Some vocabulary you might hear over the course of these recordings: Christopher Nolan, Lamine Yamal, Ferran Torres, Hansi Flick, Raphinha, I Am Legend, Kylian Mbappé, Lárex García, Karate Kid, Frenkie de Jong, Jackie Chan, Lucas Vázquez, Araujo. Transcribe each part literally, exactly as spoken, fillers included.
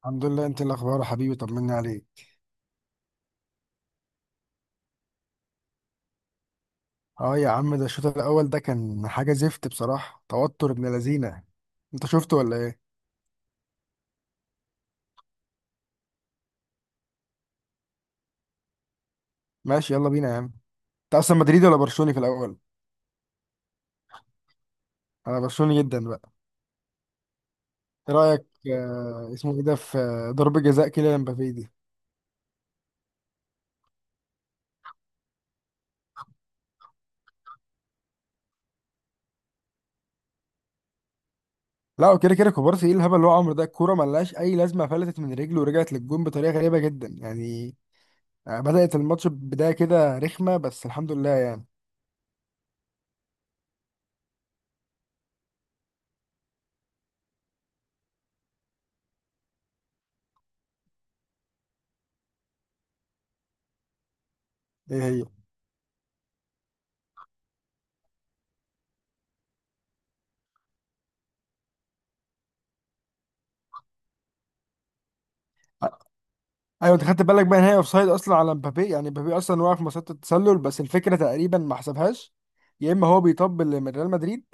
الحمد لله، انت إيه الاخبار يا حبيبي؟ طمني عليك. اه يا عم، ده الشوط الاول ده كان حاجه زفت بصراحه. توتر ابن لذينه. انت شفته ولا ايه؟ ماشي يلا بينا يا عم. انت اصلا مدريدي ولا برشلوني في الاول؟ انا برشلوني جدا بقى. ايه رايك؟ آه اسمه ايه ده في آه، ضربه جزاء كيليان مبابي دي. لا، وكده كده كوبارسي ايه الهبل اللي هو عمره ده؟ الكوره ملهاش اي لازمه، فلتت من رجله ورجعت للجون بطريقه غريبه جدا يعني. آه، بدات الماتش بدايه كده رخمه، بس الحمد لله يعني. ايه هي؟ ايوه، انت خدت بالك بقى ان هي اوف سايد اصلا على مبابي؟ يعني مبابي اصلا واقف في مسيره التسلل، بس الفكره تقريبا ما حسبهاش. يا اما هو بيطبل لريال مدريد،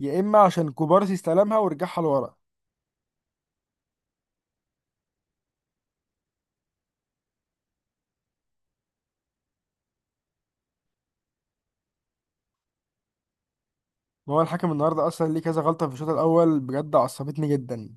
يا اما عشان كوبارسي استلمها ورجعها لورا. ما هو الحكم النهارده اصلا ليه كذا غلطه في الشوط الاول؟ بجد عصبتني جدا.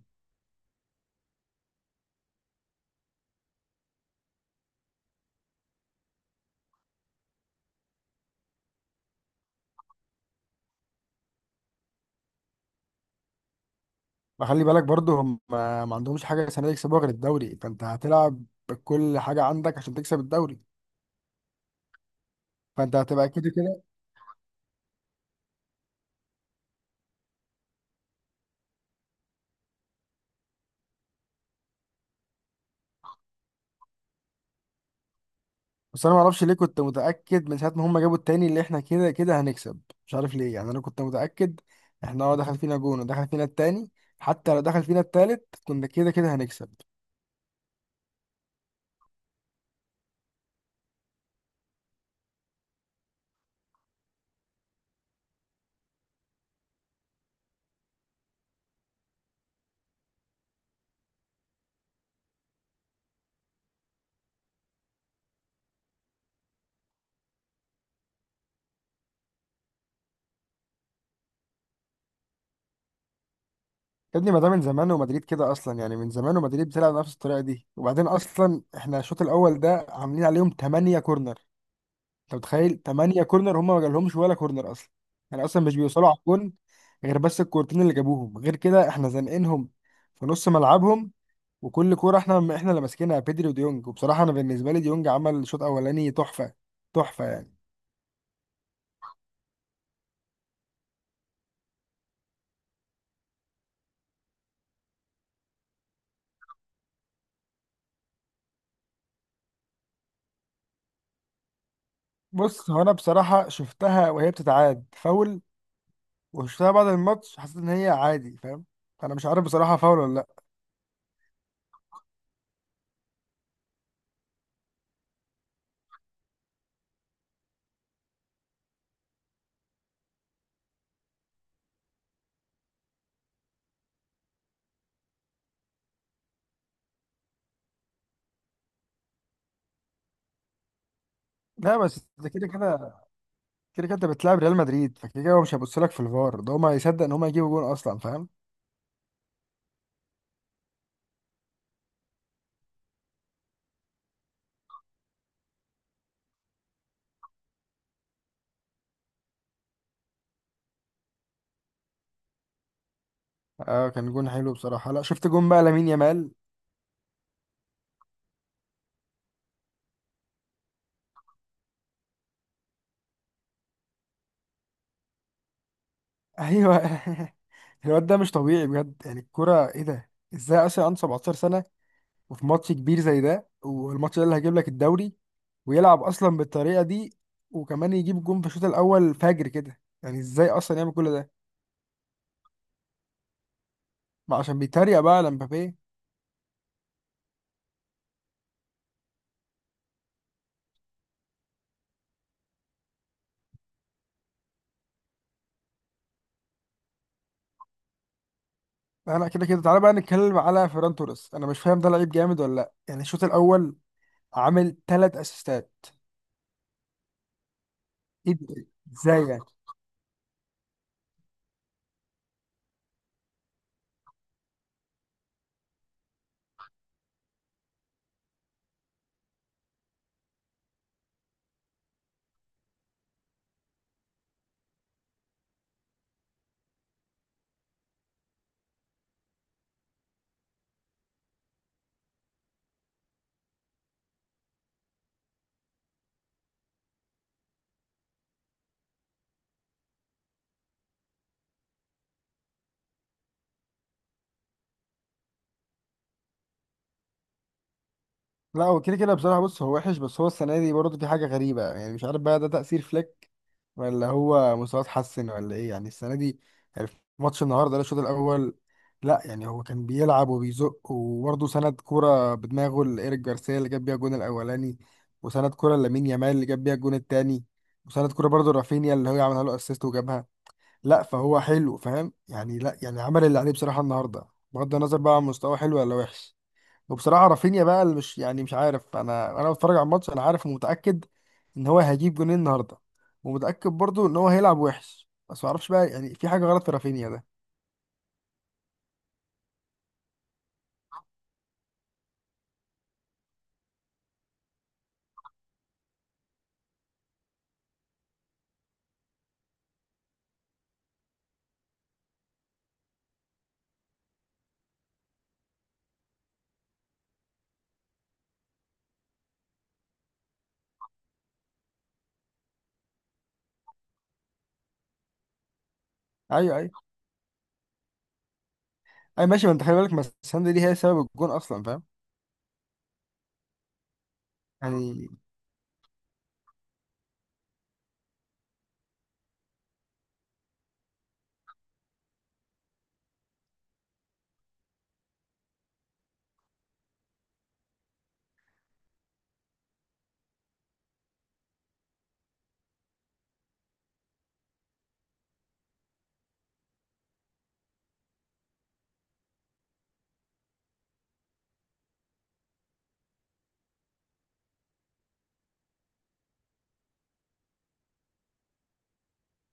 وخلي بالك برضه هم ما ما عندهمش حاجه السنه دي يكسبوها غير الدوري، فانت هتلعب بكل حاجه عندك عشان تكسب الدوري. فانت هتبقى كده. بس انا ما اعرفش ليه كنت متاكد من ساعه ما هم جابوا التاني اللي احنا كده كده هنكسب. مش عارف ليه يعني، انا كنت متاكد. احنا اه دخل فينا جون ودخل فينا التاني، حتى لو دخل فينا التالت كنا كده كده هنكسب. يا ابني ما ده من زمان ومدريد كده اصلا، يعني من زمان ومدريد بتلعب نفس الطريقه دي. وبعدين اصلا احنا الشوط الاول ده عاملين عليهم تمن كورنر. انت متخيل تمن كورنر هم ما جالهمش ولا كورنر اصلا؟ يعني اصلا مش بيوصلوا على الجون غير بس الكورتين اللي جابوهم. غير كده احنا زنقينهم في نص ملعبهم، وكل كوره احنا احنا اللي ماسكينها بيدري وديونج. وبصراحه انا بالنسبه لي ديونج عمل شوط اولاني تحفه، تحفه يعني. بص، هو انا بصراحه شفتها وهي بتتعاد فاول، وشفتها بعد الماتش حسيت ان هي عادي، فاهم؟ انا مش عارف بصراحه فاول ولا لا. لا، بس ده كده كده كده كده انت بتلعب ريال مدريد، فكده كده هو مش هيبص لك في الفار، ده هما يصدق ان هما يجيبوا جون اصلا، فاهم؟ اه كان جون حلو بصراحه. لا شفت جون بقى لامين يامال؟ ايوه. الواد ده مش طبيعي بجد، يعني الكوره ايه ده؟ ازاي اصلا عنده سبعة عشر وفي ماتش كبير زي ده، والماتش ده اللي هيجيب لك الدوري، ويلعب اصلا بالطريقه دي، وكمان يجيب جون في الشوط الاول فجر كده؟ يعني ازاي اصلا يعمل كل ده؟ ما عشان بيتريق بقى على مبابي. انا كده كده تعالى بقى نتكلم على فيران توريس. انا مش فاهم ده لعيب جامد ولا لا يعني. الشوط الاول عامل ثلاث اسيستات. ايه ده؟ ازاي يعني؟ لا هو كده كده بصراحه، بص هو وحش، بس هو السنه دي برضه في حاجه غريبه يعني. مش عارف بقى ده تاثير فليك ولا هو مستواه اتحسن ولا ايه يعني السنه دي. يعني في ماتش النهارده ده الشوط الاول، لا يعني هو كان بيلعب وبيزق، وبرضه سند كوره بدماغه لايريك جارسيا اللي جاب بيها الجون الاولاني، وسند كوره لامين يامال اللي جاب بيها الجون التاني، وسند كوره برضه رافينيا اللي هو عملها له اسيست وجابها. لا فهو حلو، فاهم يعني؟ لا يعني عمل اللي عليه بصراحه النهارده، بغض النظر بقى عن مستواه حلو ولا وحش. وبصراحه رافينيا بقى اللي مش يعني مش عارف، انا انا بتفرج على الماتش انا عارف ومتاكد ان هو هيجيب جونين النهارده، ومتاكد برضو ان هو هيلعب وحش. بس ما اعرفش بقى يعني في حاجه غلط في رافينيا ده. ايوه، ايوه. اي ماشي، ما انت خلي بالك، ما السند دي هي سبب الجون اصلا، فاهم يعني؟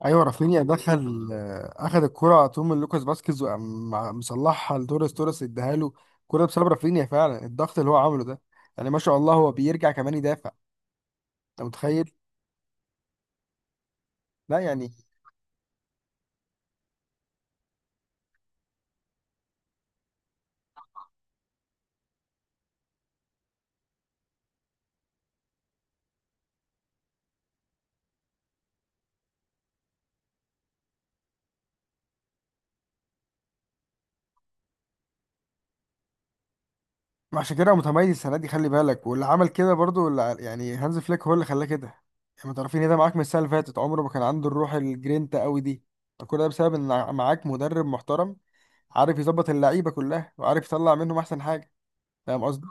ايوه رافينيا دخل، آه، اخد الكره على طول من لوكاس فاسكيز، وقام مع- مصلحها لتوريس، توريس اداها له كرة بسبب رافينيا، فعلا الضغط اللي هو عمله ده يعني. ما شاء الله هو بيرجع كمان يدافع. انت متخيل؟ لا يعني عشان كده هو متميز السنه دي، خلي بالك. واللي عمل كده برضو اللي ع- يعني هانز فليك هو اللي خلاه كده. يعني ما تعرفين ايه ده معاك من السنه اللي فاتت، عمره ما كان عنده الروح الجرينتا قوي دي. كل ده بسبب ان ع- معاك مدرب محترم، عارف يظبط اللعيبه كلها وعارف يطلع منهم احسن حاجه. فاهم قصدي؟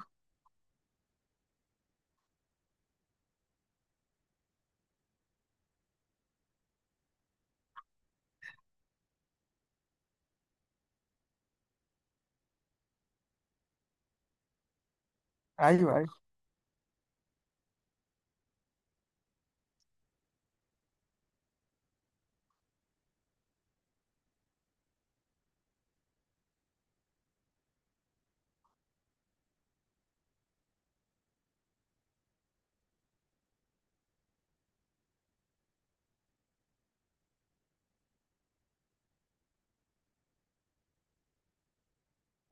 ايوه، ايوه.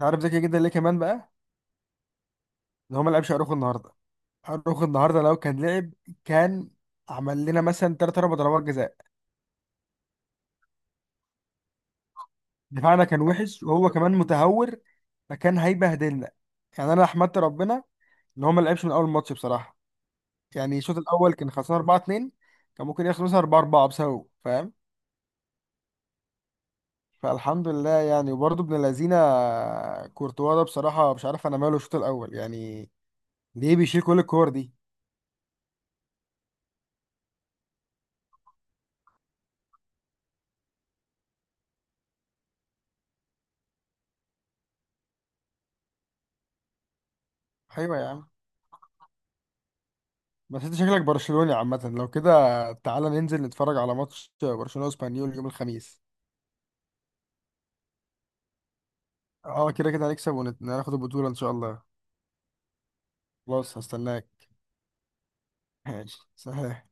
عارف ذكي جدا ليه كمان بقى؟ ان هو ما لعبش اروخو النهارده. اروخو النهارده لو كان لعب كان عمل لنا مثلا ثلاث اربع ضربات جزاء. دفاعنا كان وحش، وهو كمان متهور، فكان هيبهدلنا. يعني انا احمدت ربنا ان هو ما لعبش من اول ماتش بصراحه. يعني الشوط الاول كان خسران اربعه اتنين، كان ممكن يخلص اربعه اربعه بسببه، فاهم؟ فالحمد لله يعني. وبرضه ابن الذين كورتوا ده بصراحه، مش عارف انا ماله الشوط الاول يعني، ليه بيشيل كل الكور دي؟ ايوه يا عم. بس انت شكلك برشلوني عامه لو كده. تعالى ننزل نتفرج على ماتش برشلونه واسبانيول يوم الخميس. اه كده كده هنكسب وناخد البطوله ان شاء الله. خلاص هستناك. ماشي، سلام.